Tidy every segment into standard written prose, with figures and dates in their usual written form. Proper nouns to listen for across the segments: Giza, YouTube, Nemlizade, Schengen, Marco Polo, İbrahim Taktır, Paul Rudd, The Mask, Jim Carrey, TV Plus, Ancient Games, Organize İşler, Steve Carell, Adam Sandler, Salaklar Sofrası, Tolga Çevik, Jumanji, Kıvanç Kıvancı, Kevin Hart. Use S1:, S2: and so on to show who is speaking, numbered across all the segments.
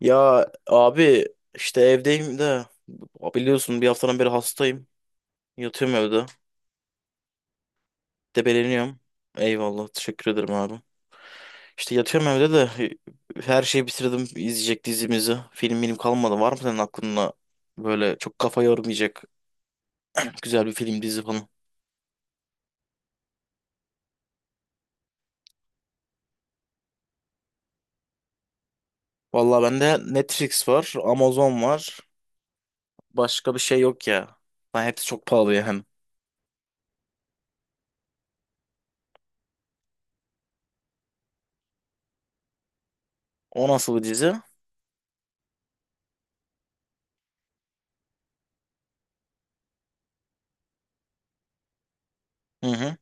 S1: Ya abi, işte evdeyim de biliyorsun, bir haftadan beri hastayım. Yatıyorum evde. Debeleniyorum. Eyvallah, teşekkür ederim abi. İşte yatıyorum evde de her şeyi bitirdim izleyecek dizimizi. Film benim kalmadı. Var mı senin aklında böyle çok kafa yormayacak güzel bir film, dizi falan? Vallahi bende Netflix var, Amazon var. Başka bir şey yok ya. Ben, hepsi çok pahalı yani. O nasıl bir dizi? Hı hı.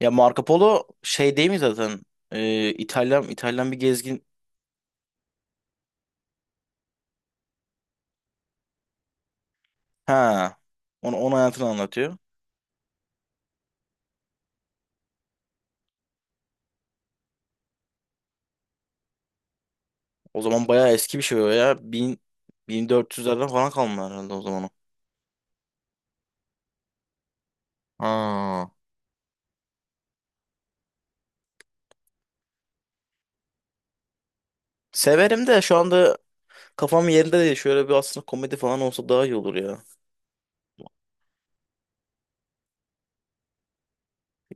S1: Ya Marco Polo şey değil mi zaten? İtalyan bir gezgin. Ha. Onun hayatını anlatıyor. O zaman bayağı eski bir şey o ya. 1000, 1400'lerden falan kalma herhalde o zaman o. Ha. Severim de şu anda kafam yerinde değil. Şöyle bir, aslında komedi falan olsa daha iyi olur ya.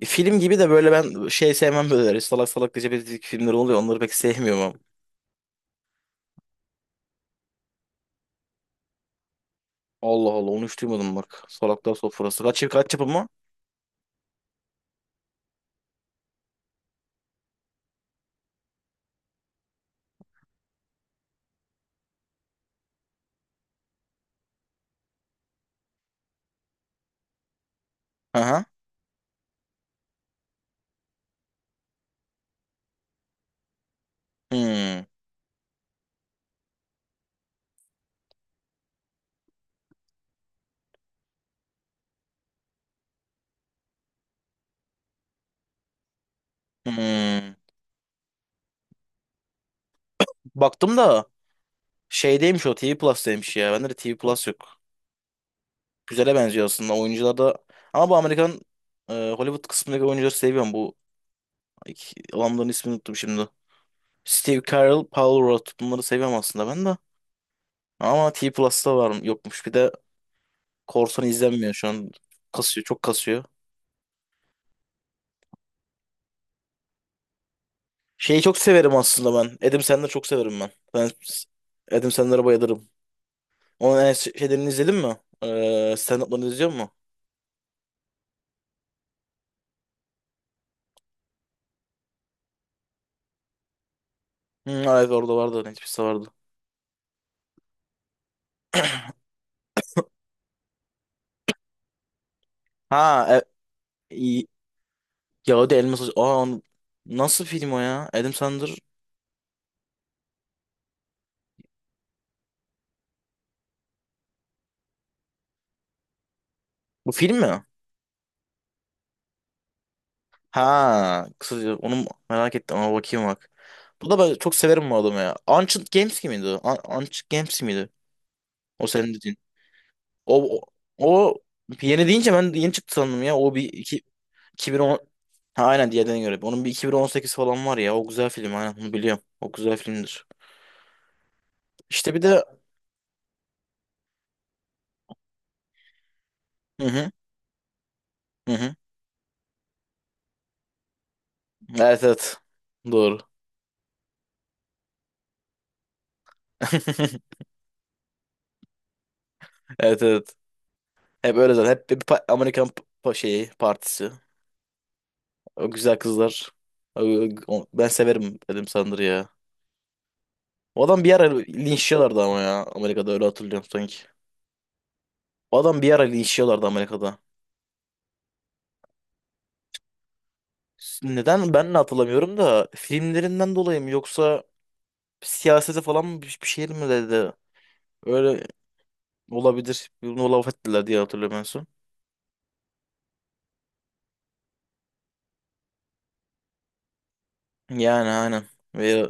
S1: Film gibi de böyle, ben şey sevmem böyle. Hani salak salak gece filmler oluyor. Onları pek sevmiyorum ama. Allah Allah, onu hiç duymadım bak. Salaklar Sofrası. Kaç yapımı? Aha. Hmm. Hmm. Baktım da şeydeymiş o, TV Plus'taymış ya. Bende de TV Plus yok. Güzele benziyor aslında. Oyuncular da, ama bu Amerikan, Hollywood kısmındaki oyuncuları seviyorum. Bu iki, adamların ismini unuttum şimdi. Steve Carell, Paul Rudd, bunları seviyorum aslında ben de. Ama T Plus'ta var yokmuş. Bir de korsan izlenmiyor şu an. Kasıyor, çok kasıyor. Şeyi çok severim aslında ben. Adam Sandler'ı çok severim ben. Ben Adam Sandler'a bayılırım. Onun en şeylerini izledin mi? Ee, stand-up'larını izliyor musun? Hı, evet, orada vardı. Netflix'te vardı. Ha, e, ya o da elmas. Aa, nasıl film o ya? Adam Sandler. Bu film mi? Ha, kısaca onu merak ettim ama bakayım bak. Bu da, ben çok severim bu adamı ya. Ancient Games gibi miydi o? Ancient Games miydi? O senin dediğin. O, o, o yeni deyince ben yeni çıktı sandım ya. O bir iki, 2010... Ha, aynen, diğerden göre. Onun bir 2018 falan var ya. O güzel film, aynen bunu biliyorum. O güzel filmdir. İşte bir de, hı hı, hı hı. Evet evet. Doğru. Evet evet. Hep öyle zaten. Hep bir Amerikan şeyi, partisi. O güzel kızlar. Ben severim Adam Sandler ya. O adam bir ara linçliyorlardı ama ya. Amerika'da, öyle hatırlıyorum sanki. O adam bir ara linçliyorlardı Amerika'da. Neden, ben de hatırlamıyorum da, filmlerinden dolayı mı yoksa siyasete falan mı, bir şey mi dedi. Öyle olabilir. Bunu laf ettiler diye hatırlıyorum en son. Yani aynen. Ve-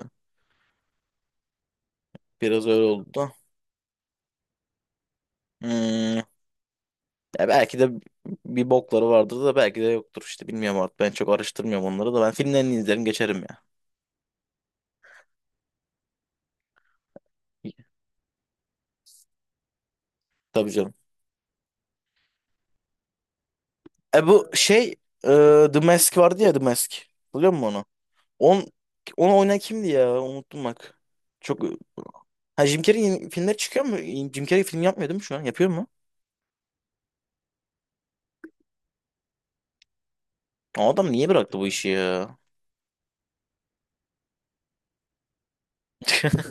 S1: biraz öyle oldu da. Hmm. Ya belki de bir bokları vardır da, belki de yoktur işte, bilmiyorum artık. Ben çok araştırmıyorum onları da. Ben filmlerini izlerim, geçerim ya. Tabii canım. E bu şey, e, The Mask vardı ya, The Mask. Biliyor musun onu? On, onu oynayan kimdi ya? Unuttum bak. Çok ha, Jim Carrey yeni filmler çıkıyor mu? Jim Carrey film yapmıyor değil mi şu an? Yapıyor mu? O adam niye bıraktı bu işi ya?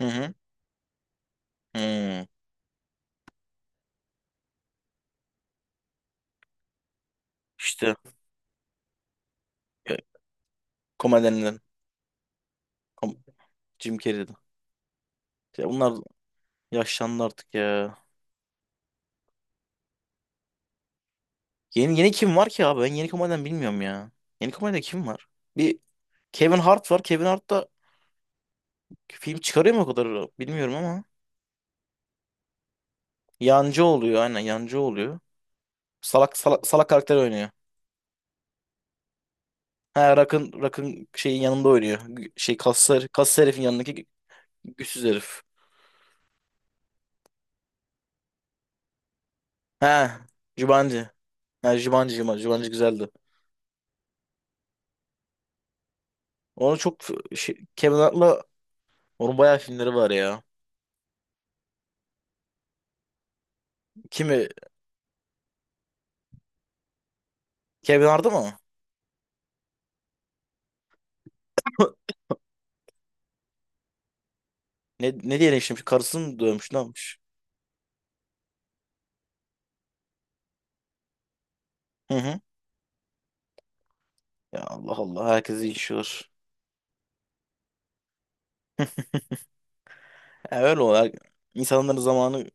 S1: Hı hı. Hmm. İşte, e, komedyenlerin. Kom Jim Carrey'di. Ya bunlar yaşlandı artık ya. Yeni yeni kim var ki abi? Ben yeni komedyen bilmiyorum ya. Yeni komedyen kim var? Bir Kevin Hart var. Kevin Hart da film çıkarıyor mu o kadar bilmiyorum ama. Yancı oluyor, aynen yancı oluyor. Salak salak, salak karakter oynuyor. Ha, Rock'ın şeyin yanında oynuyor. Şey kaslı, kaslı herifin yanındaki güçsüz herif. Ha, Jumanji. Ha, Jumanji güzeldi. Onu çok şey, Kevin Hart'la onun bayağı filmleri var ya. Kimi? Kevin Hart'ı mı? Ne diye şimdi karısını mı dövmüş, ne yapmış? Hı hı. Ya Allah Allah, herkese iş var. Ya öyle o. İnsanların zamanı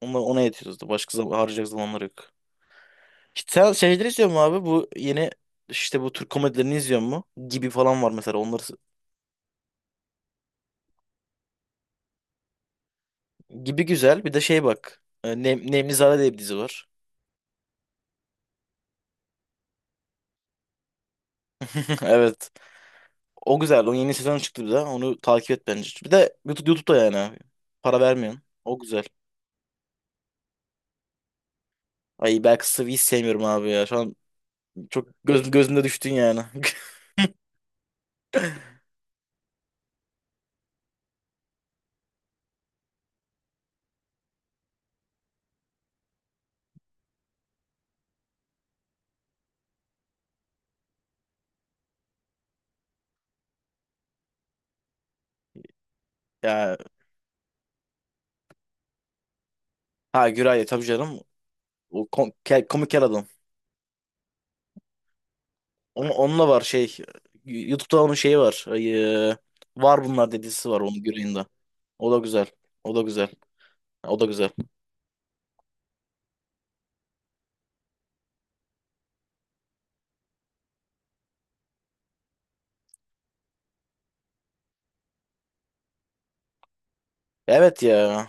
S1: ona yetiyordu. Başka zaman harcayacak zamanları yok. İşte sen şeyleri izliyor musun abi? Bu yeni, işte bu Türk komedilerini izliyor mu? Gibi falan var mesela. Onları. Gibi güzel. Bir de şey bak. Nemlizade diye bir dizi var. Evet. O güzel. Onun yeni sezonu çıktı bir de. Onu takip et bence. Bir de YouTube'da yani abi. Para vermiyorsun. O güzel. Ay, belki Sıvı'yı hiç sevmiyorum abi ya. Şu an çok gözümde düştün yani. Ya ha, Güray tabii canım. O komik kel adam. Onunla var şey. YouTube'da onun şeyi var. Ay, var bunlar dedisi var onun yüreğinde. O da güzel. O da güzel. O da güzel. Evet ya.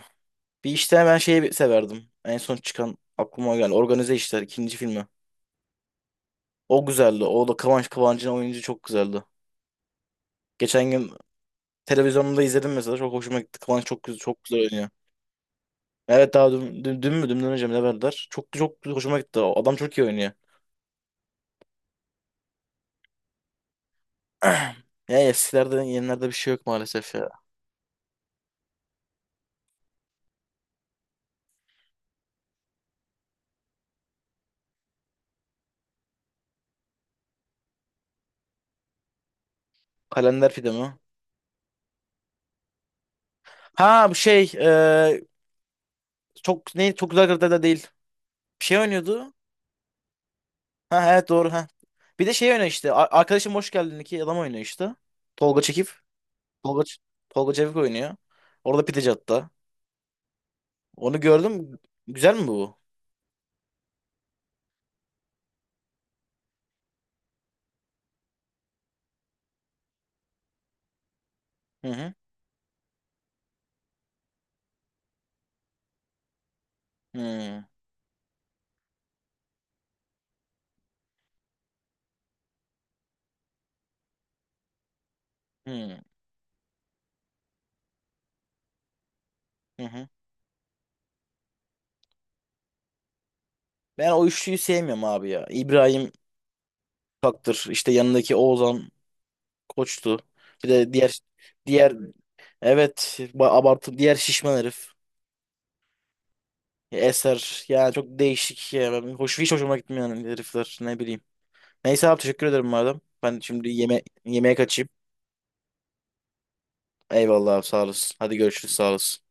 S1: Bir, işte ben şeyi severdim. En son çıkan aklıma geldi. Organize İşler ikinci filmi. O güzeldi. O da Kıvanç, Kıvancı'nın, oyuncu çok güzeldi. Geçen gün televizyonda izledim mesela. Çok hoşuma gitti. Kıvanç çok güzel, çok güzel oynuyor. Evet, daha dün mü? Dünden önce mi ne verdiler? Çok çok hoşuma gitti. O adam çok iyi oynuyor. Ya eskilerden, yenilerde bir şey yok maalesef ya. Kalender pide mi? Ha bu şey, çok güzel kırdı da değil. Bir şey oynuyordu. Ha evet, doğru ha. Bir de şey oynuyor işte. Arkadaşım Hoş Geldin, iki adam oynuyor işte. Tolga Çekif. Tolga, Ç- Tolga Çevik oynuyor. Orada pideci hatta. Onu gördüm. Güzel mi bu? Hı hı. Hı hı. Hı hı. Ben o üçlüyü sevmiyorum abi ya. İbrahim Taktır. İşte yanındaki Oğuzhan Koç'tu. Bir de diğer, diğer... Evet, abartı diğer şişman herif. Eser yani çok değişik ya. Hoş, hiç hoşuma gitmiyor yani herifler, ne bileyim. Neyse abi, teşekkür ederim madem. Ben şimdi yemeğe kaçayım. Eyvallah abi, sağ olasın. Hadi görüşürüz, sağ olasın.